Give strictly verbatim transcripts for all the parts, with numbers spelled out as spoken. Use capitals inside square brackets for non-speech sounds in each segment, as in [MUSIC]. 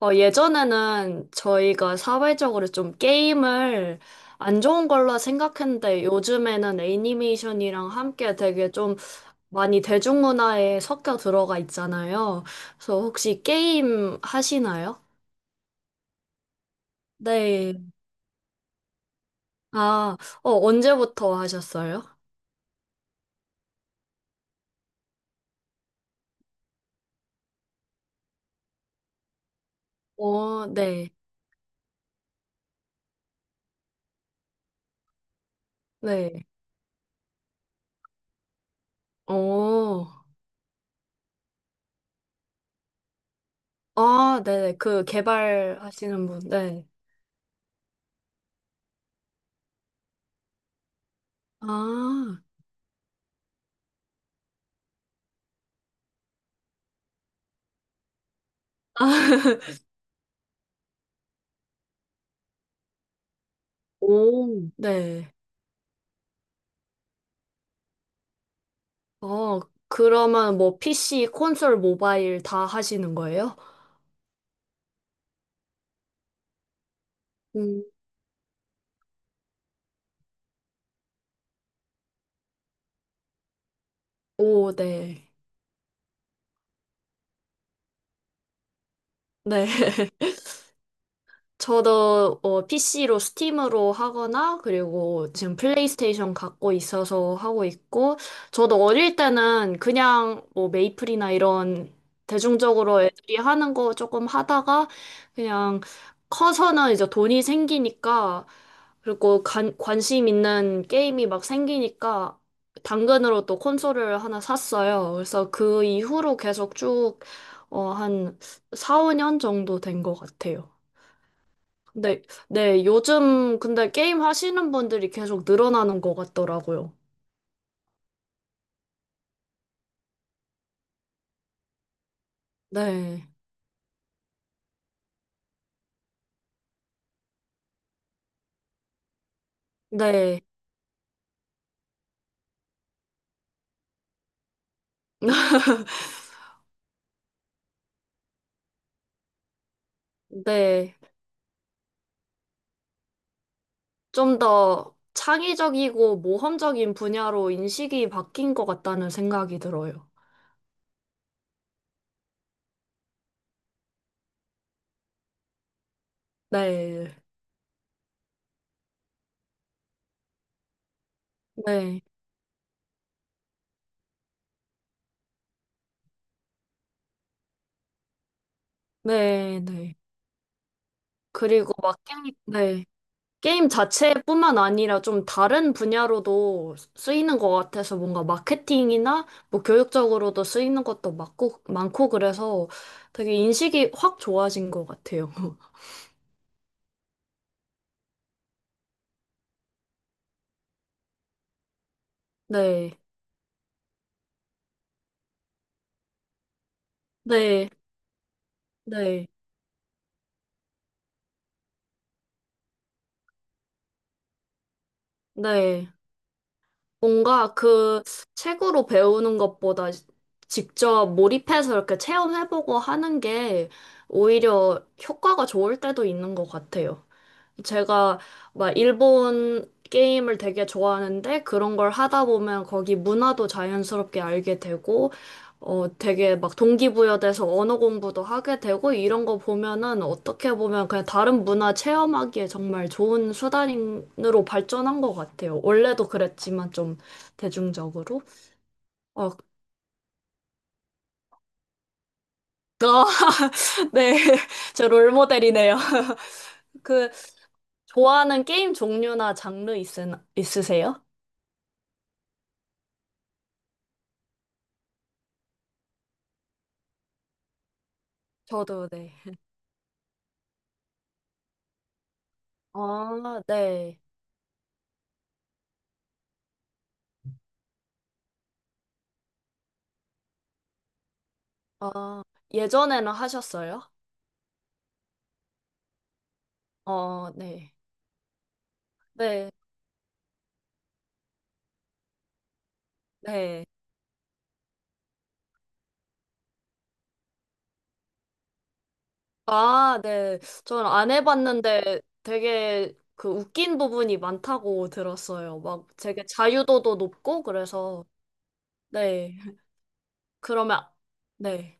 어, 예전에는 저희가 사회적으로 좀 게임을 안 좋은 걸로 생각했는데 요즘에는 애니메이션이랑 함께 되게 좀 많이 대중문화에 섞여 들어가 있잖아요. 그래서 혹시 게임 하시나요? 네. 아, 어, 언제부터 하셨어요? 어, 네. 네. 어. 아, 네네. 그 개발하시는 분. 네. 아. [LAUGHS] 오. 네. 어, 그러면 뭐 피씨, 콘솔, 모바일 다 하시는 거예요? 음. 오, 네. 네. [LAUGHS] 저도 어, 피씨로 스팀으로 하거나 그리고 지금 플레이스테이션 갖고 있어서 하고 있고 저도 어릴 때는 그냥 뭐 메이플이나 이런 대중적으로 애들이 하는 거 조금 하다가 그냥 커서는 이제 돈이 생기니까 그리고 관, 관심 있는 게임이 막 생기니까 당근으로 또 콘솔을 하나 샀어요. 그래서 그 이후로 계속 쭉 어, 한 사, 오 년 정도 된 것 같아요. 네, 네, 요즘 근데 게임 하시는 분들이 계속 늘어나는 것 같더라고요. 네, 네, [LAUGHS] 네. 좀 더 창의적이고 모험적인 분야로 인식이 바뀐 것 같다는 생각이 들어요. 네, 네, 네, 네. 그리고 막, 게임- 네. 게임 자체뿐만 아니라 좀 다른 분야로도 쓰이는 것 같아서 뭔가 마케팅이나 뭐 교육적으로도 쓰이는 것도 많고, 많고 그래서 되게 인식이 확 좋아진 것 같아요. [LAUGHS] 네, 네, 네, 네. 뭔가 그 책으로 배우는 것보다 직접 몰입해서 이렇게 체험해보고 하는 게 오히려 효과가 좋을 때도 있는 것 같아요. 제가 막 일본 게임을 되게 좋아하는데 그런 걸 하다 보면 거기 문화도 자연스럽게 알게 되고 어 되게 막 동기부여돼서 언어 공부도 하게 되고 이런 거 보면은 어떻게 보면 그냥 다른 문화 체험하기에 정말 좋은 수단으로 발전한 것 같아요. 원래도 그랬지만 좀 대중적으로. 어, [LAUGHS] 아, 네. [LAUGHS] 제 롤모델이네요. [LAUGHS] 그 좋아하는 게임 종류나 장르 있으, 있으세요? 저도 네. 아, 네. 아, 예전에는 하셨어요? 어, 네. 네, 네. 아, 네. 전 안 해봤는데 되게 그 웃긴 부분이 많다고 들었어요. 막 되게 자유도도 높고 그래서, 네. 그러면, 네.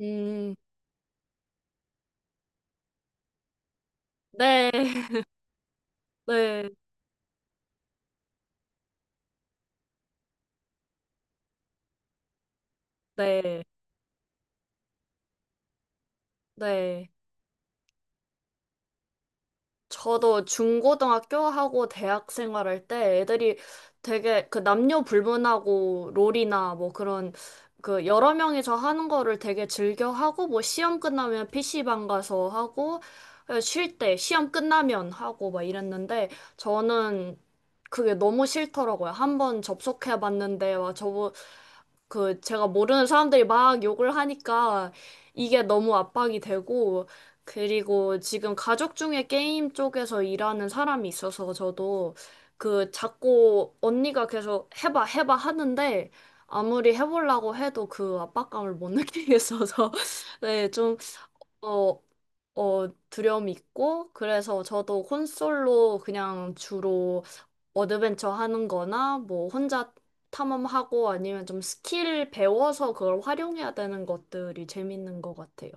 음, 네. [LAUGHS] 네, 네, 네. 저도 중고등학교 하고 대학 생활할 때 애들이 되게 그 남녀 불문하고 롤이나 뭐 그런 그 여러 명이서 하는 거를 되게 즐겨 하고 뭐 시험 끝나면 피씨방 가서 하고 쉴 때 시험 끝나면 하고 막 이랬는데 저는 그게 너무 싫더라고요. 한 번 접속해 봤는데 와 저거 그 제가 모르는 사람들이 막 욕을 하니까 이게 너무 압박이 되고 그리고 지금 가족 중에 게임 쪽에서 일하는 사람이 있어서 저도 그 자꾸 언니가 계속 해봐 해봐 하는데 아무리 해보려고 해도 그 압박감을 못 [LAUGHS] 느끼겠어서 [LAUGHS] 네, 좀, 어, 어, 두려움이 있고 그래서 저도 콘솔로 그냥 주로 어드벤처 하는 거나 뭐 혼자 탐험하고 아니면 좀 스킬 배워서 그걸 활용해야 되는 것들이 재밌는 것 같아요.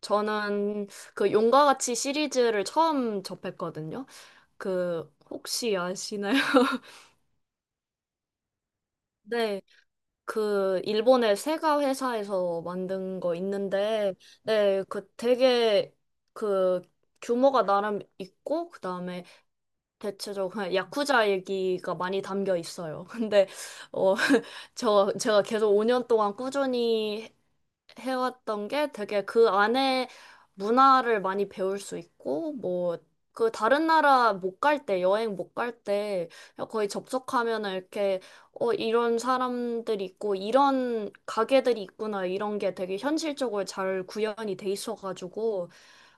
저는 그 용과 같이 시리즈를 처음 접했거든요. 그 혹시 아시나요? [LAUGHS] 네, 그 일본의 세가 회사에서 만든 거 있는데, 네, 그 되게 그 규모가 나름 있고, 그 다음에 대체적으로 그냥 야쿠자 얘기가 많이 담겨 있어요. 근데 어, [LAUGHS] 저 제가 계속 오 년 동안 꾸준히 해왔던 게 되게 그 안에 문화를 많이 배울 수 있고, 뭐, 그 다른 나라 못 갈 때, 여행 못 갈 때, 거의 접속하면은 이렇게, 어, 이런 사람들이 있고, 이런 가게들이 있구나, 이런 게 되게 현실적으로 잘 구현이 돼 있어가지고,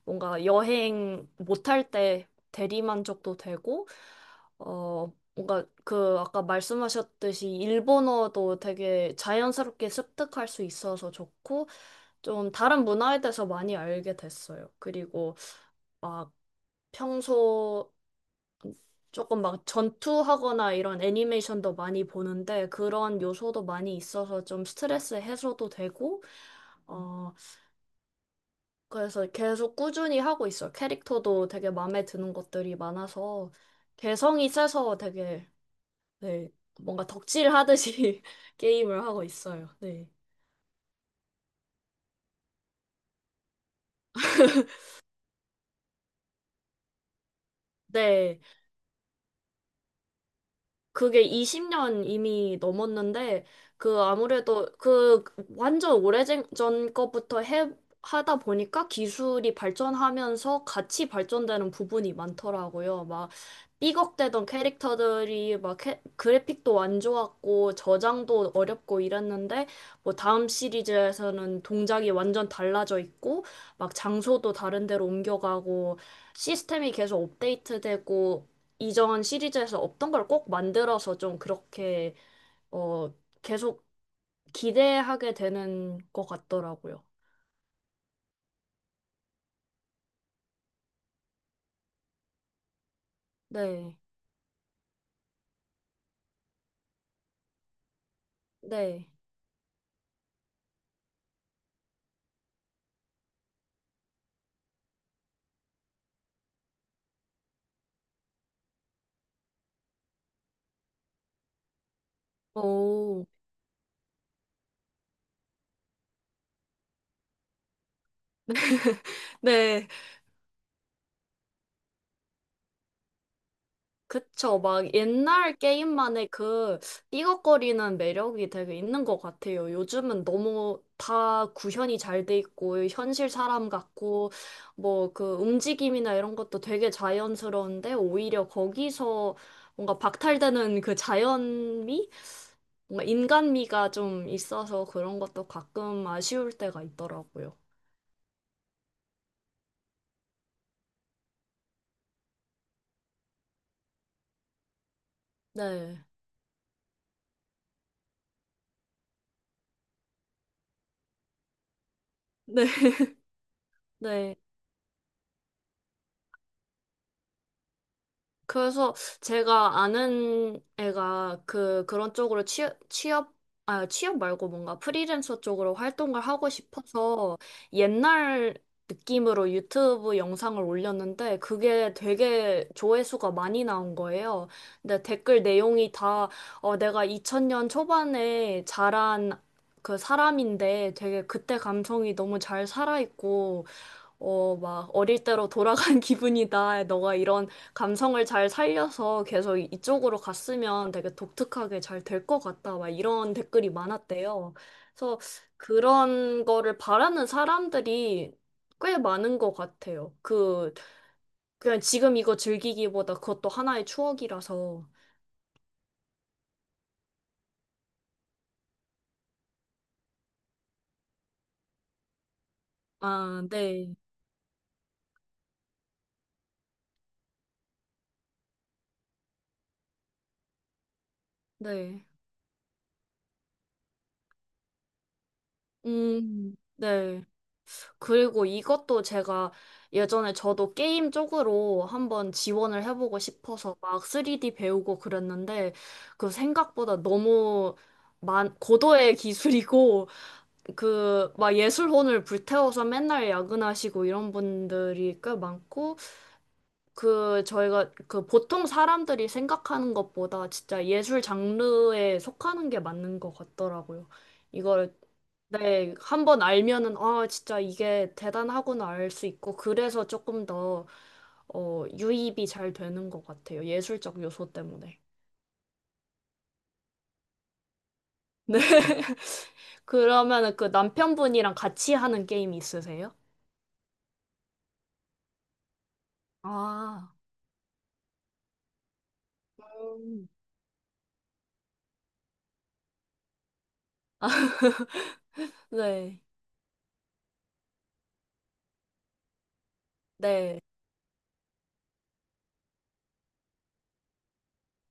뭔가 여행 못할 때 대리만족도 되고, 어, 뭔가 그 아까 말씀하셨듯이 일본어도 되게 자연스럽게 습득할 수 있어서 좋고 좀 다른 문화에 대해서 많이 알게 됐어요. 그리고 막 평소 조금 막 전투하거나 이런 애니메이션도 많이 보는데 그런 요소도 많이 있어서 좀 스트레스 해소도 되고 어 그래서 계속 꾸준히 하고 있어요. 캐릭터도 되게 마음에 드는 것들이 많아서 개성이 세서 되게 네, 뭔가 덕질 하듯이 [LAUGHS] 게임을 하고 있어요. 네. [LAUGHS] 네. 그게 이십 년 이미 넘었는데, 그 아무래도 그 완전 오래전 것부터 해, 하다 보니까 기술이 발전하면서 같이 발전되는 부분이 많더라고요. 막 삐걱대던 캐릭터들이 막 캐- 그래픽도 안 좋았고 저장도 어렵고 이랬는데, 뭐 다음 시리즈에서는 동작이 완전 달라져 있고, 막 장소도 다른 데로 옮겨가고, 시스템이 계속 업데이트되고, 이전 시리즈에서 없던 걸 꼭 만들어서 좀 그렇게 어 계속 기대하게 되는 것 같더라고요. 네. 네. 오. [LAUGHS] 네. 그쵸. 막 옛날 게임만의 그 삐걱거리는 매력이 되게 있는 것 같아요. 요즘은 너무 다 구현이 잘 돼 있고, 현실 사람 같고, 뭐 그 움직임이나 이런 것도 되게 자연스러운데, 오히려 거기서 뭔가 박탈되는 그 자연미? 뭔가 인간미가 좀 있어서 그런 것도 가끔 아쉬울 때가 있더라고요. 네. 네. [LAUGHS] 네. 그래서 제가 아는 애가 그 그런 쪽으로 취업 취업 아 취업 말고 뭔가 프리랜서 쪽으로 활동을 하고 싶어서 옛날 느낌으로 유튜브 영상을 올렸는데 그게 되게 조회수가 많이 나온 거예요. 근데 댓글 내용이 다 어, 내가 이천 년 초반에 자란 그 사람인데 되게 그때 감성이 너무 잘 살아있고 어, 막 어릴 때로 돌아간 [LAUGHS] 기분이다. 너가 이런 감성을 잘 살려서 계속 이쪽으로 갔으면 되게 독특하게 잘 될 것 같다. 막 이런 댓글이 많았대요. 그래서 그런 거를 바라는 사람들이 꽤 많은 것 같아요. 그, 그냥 지금 이거 즐기기보다 그것도 하나의 추억이라서. 아, 네. 네. 음, 네. 그리고 이것도 제가 예전에 저도 게임 쪽으로 한번 지원을 해보고 싶어서 막 쓰리디 배우고 그랬는데 그 생각보다 너무 만, 고도의 기술이고 그 막 예술혼을 불태워서 맨날 야근하시고 이런 분들이 꽤 많고 그 저희가 그 보통 사람들이 생각하는 것보다 진짜 예술 장르에 속하는 게 맞는 것 같더라고요. 이걸 네, 한번 알면은, 아, 진짜 이게 대단하구나 알 수 있고, 그래서 조금 더, 어, 유입이 잘 되는 것 같아요. 예술적 요소 때문에. 네. [LAUGHS] 그러면은 그 남편분이랑 같이 하는 게임 있으세요? 아, 음. [LAUGHS] 네, 네.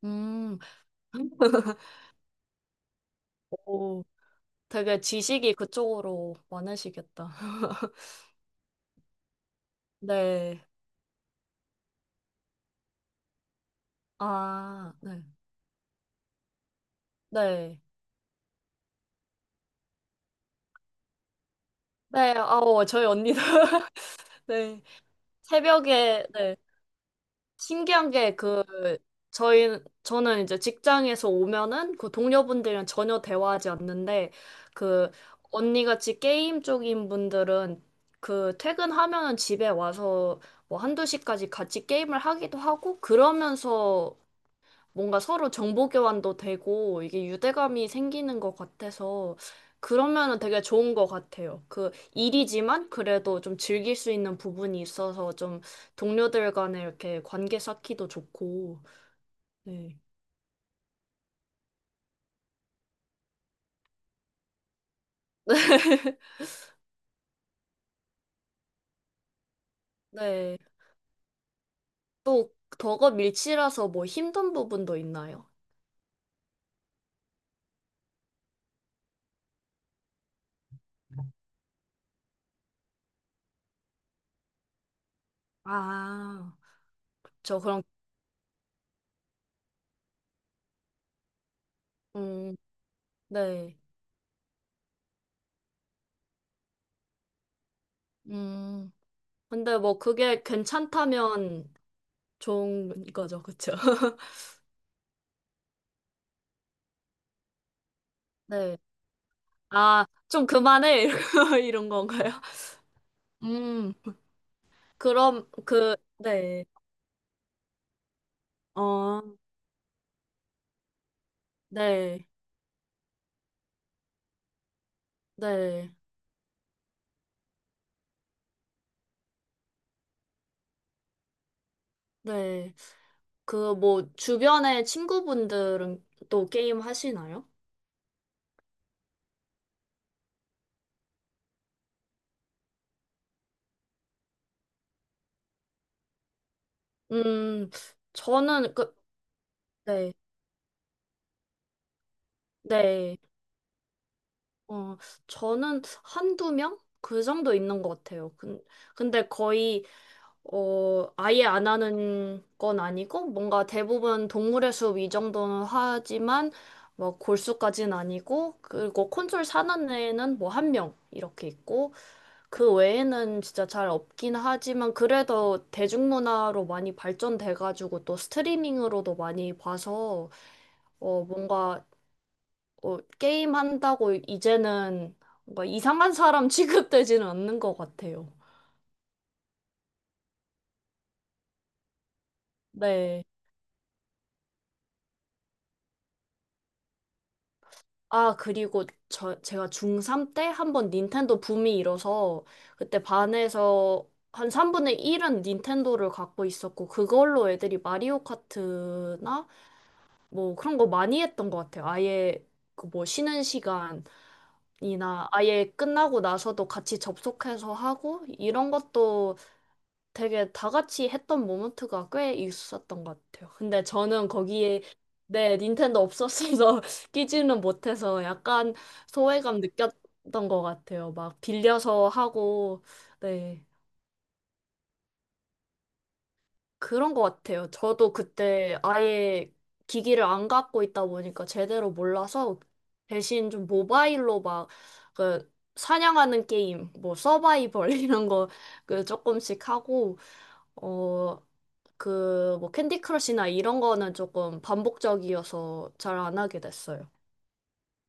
음, [LAUGHS] 오, 되게 지식이 그쪽으로 많으시겠다. [LAUGHS] 네. 아, 네. 네. 네, 아우, 저희 언니도. [LAUGHS] 네. 새벽에 네. 신기한 게 그 저희 저는 이제 직장에서 오면은 그 동료분들이랑 전혀 대화하지 않는데 그 언니같이 게임 쪽인 분들은 그 퇴근하면은 집에 와서 뭐 한두 시까지 같이 게임을 하기도 하고 그러면서 뭔가 서로 정보 교환도 되고 이게 유대감이 생기는 것 같아서 그러면은 되게 좋은 것 같아요. 그 일이지만 그래도 좀 즐길 수 있는 부분이 있어서 좀 동료들 간에 이렇게 관계 쌓기도 좋고. 네. [LAUGHS] 네. 또 더거 밀치라서 뭐 힘든 부분도 있나요? 아, 저 그럼 음, 네. 음. 근데 뭐 그게 괜찮다면 좋은 거죠. 그쵸? [LAUGHS] 네. 아, 좀 그만해. [LAUGHS] 이런 건가요? 음, 그럼, 그, 네. 어, 네. 네. 네. 그, 뭐, 주변의 친구분들은 또 게임 하시나요? 음, 저는, 그, 네. 네. 어, 저는 한두 명? 그 정도 있는 것 같아요. 근, 근데 거의, 어, 아예 안 하는 건 아니고, 뭔가 대부분 동물의 숲 이 정도는 하지만, 뭐, 골수까지는 아니고, 그리고 콘솔 사는 애는 뭐, 한 명, 이렇게 있고, 그 외에는 진짜 잘 없긴 하지만, 그래도 대중문화로 많이 발전돼가지고, 또 스트리밍으로도 많이 봐서, 어, 뭔가 어, 게임 한다고 이제는 뭔가 이상한 사람 [LAUGHS] 취급되지는 않는 것 같아요. 네. 아, 그리고 저, 제가 중삼 때 한 번 닌텐도 붐이 일어서 그때 반에서 한 삼분의 일은 닌텐도를 갖고 있었고 그걸로 애들이 마리오 카트나 뭐 그런 거 많이 했던 것 같아요. 아예 그 뭐 쉬는 시간이나 아예 끝나고 나서도 같이 접속해서 하고 이런 것도 되게 다 같이 했던 모먼트가 꽤 있었던 것 같아요. 근데 저는 거기에 네, 닌텐도 없었어서 [LAUGHS] 끼지는 못해서 약간 소외감 느꼈던 것 같아요. 막 빌려서 하고, 네, 그런 것 같아요. 저도 그때 아예 기기를 안 갖고 있다 보니까 제대로 몰라서 대신 좀 모바일로 막 그 사냥하는 게임, 뭐 서바이벌 [LAUGHS] 이런 거 그 조금씩 하고, 어, 그, 뭐, 캔디 크러쉬나 이런 거는 조금 반복적이어서 잘 안 하게 됐어요.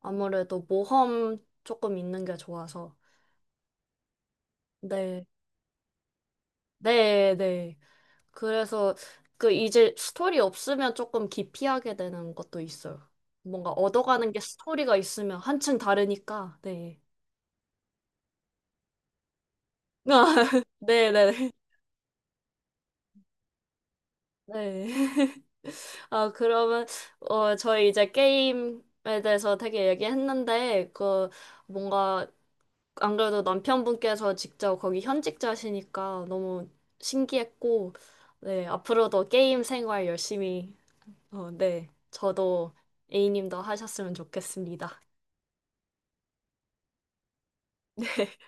아무래도 모험 조금 있는 게 좋아서. 네, 네, 네. 그래서 그 이제 스토리 없으면 조금 기피하게 되는 것도 있어요. 뭔가 얻어가는 게 스토리가 있으면 한층 다르니까, 네. [LAUGHS] 네, 네, 네. 네. [LAUGHS] 아, 그러면, 어, 저희 이제 게임에 대해서 되게 얘기했는데, 그, 뭔가 안 그래도 남편분께서 직접 거기 현직자시니까 너무 신기했고, 네, 앞으로도 게임 생활 열심히, 어, 네, 저도 A님도 하셨으면 좋겠습니다. [LAUGHS]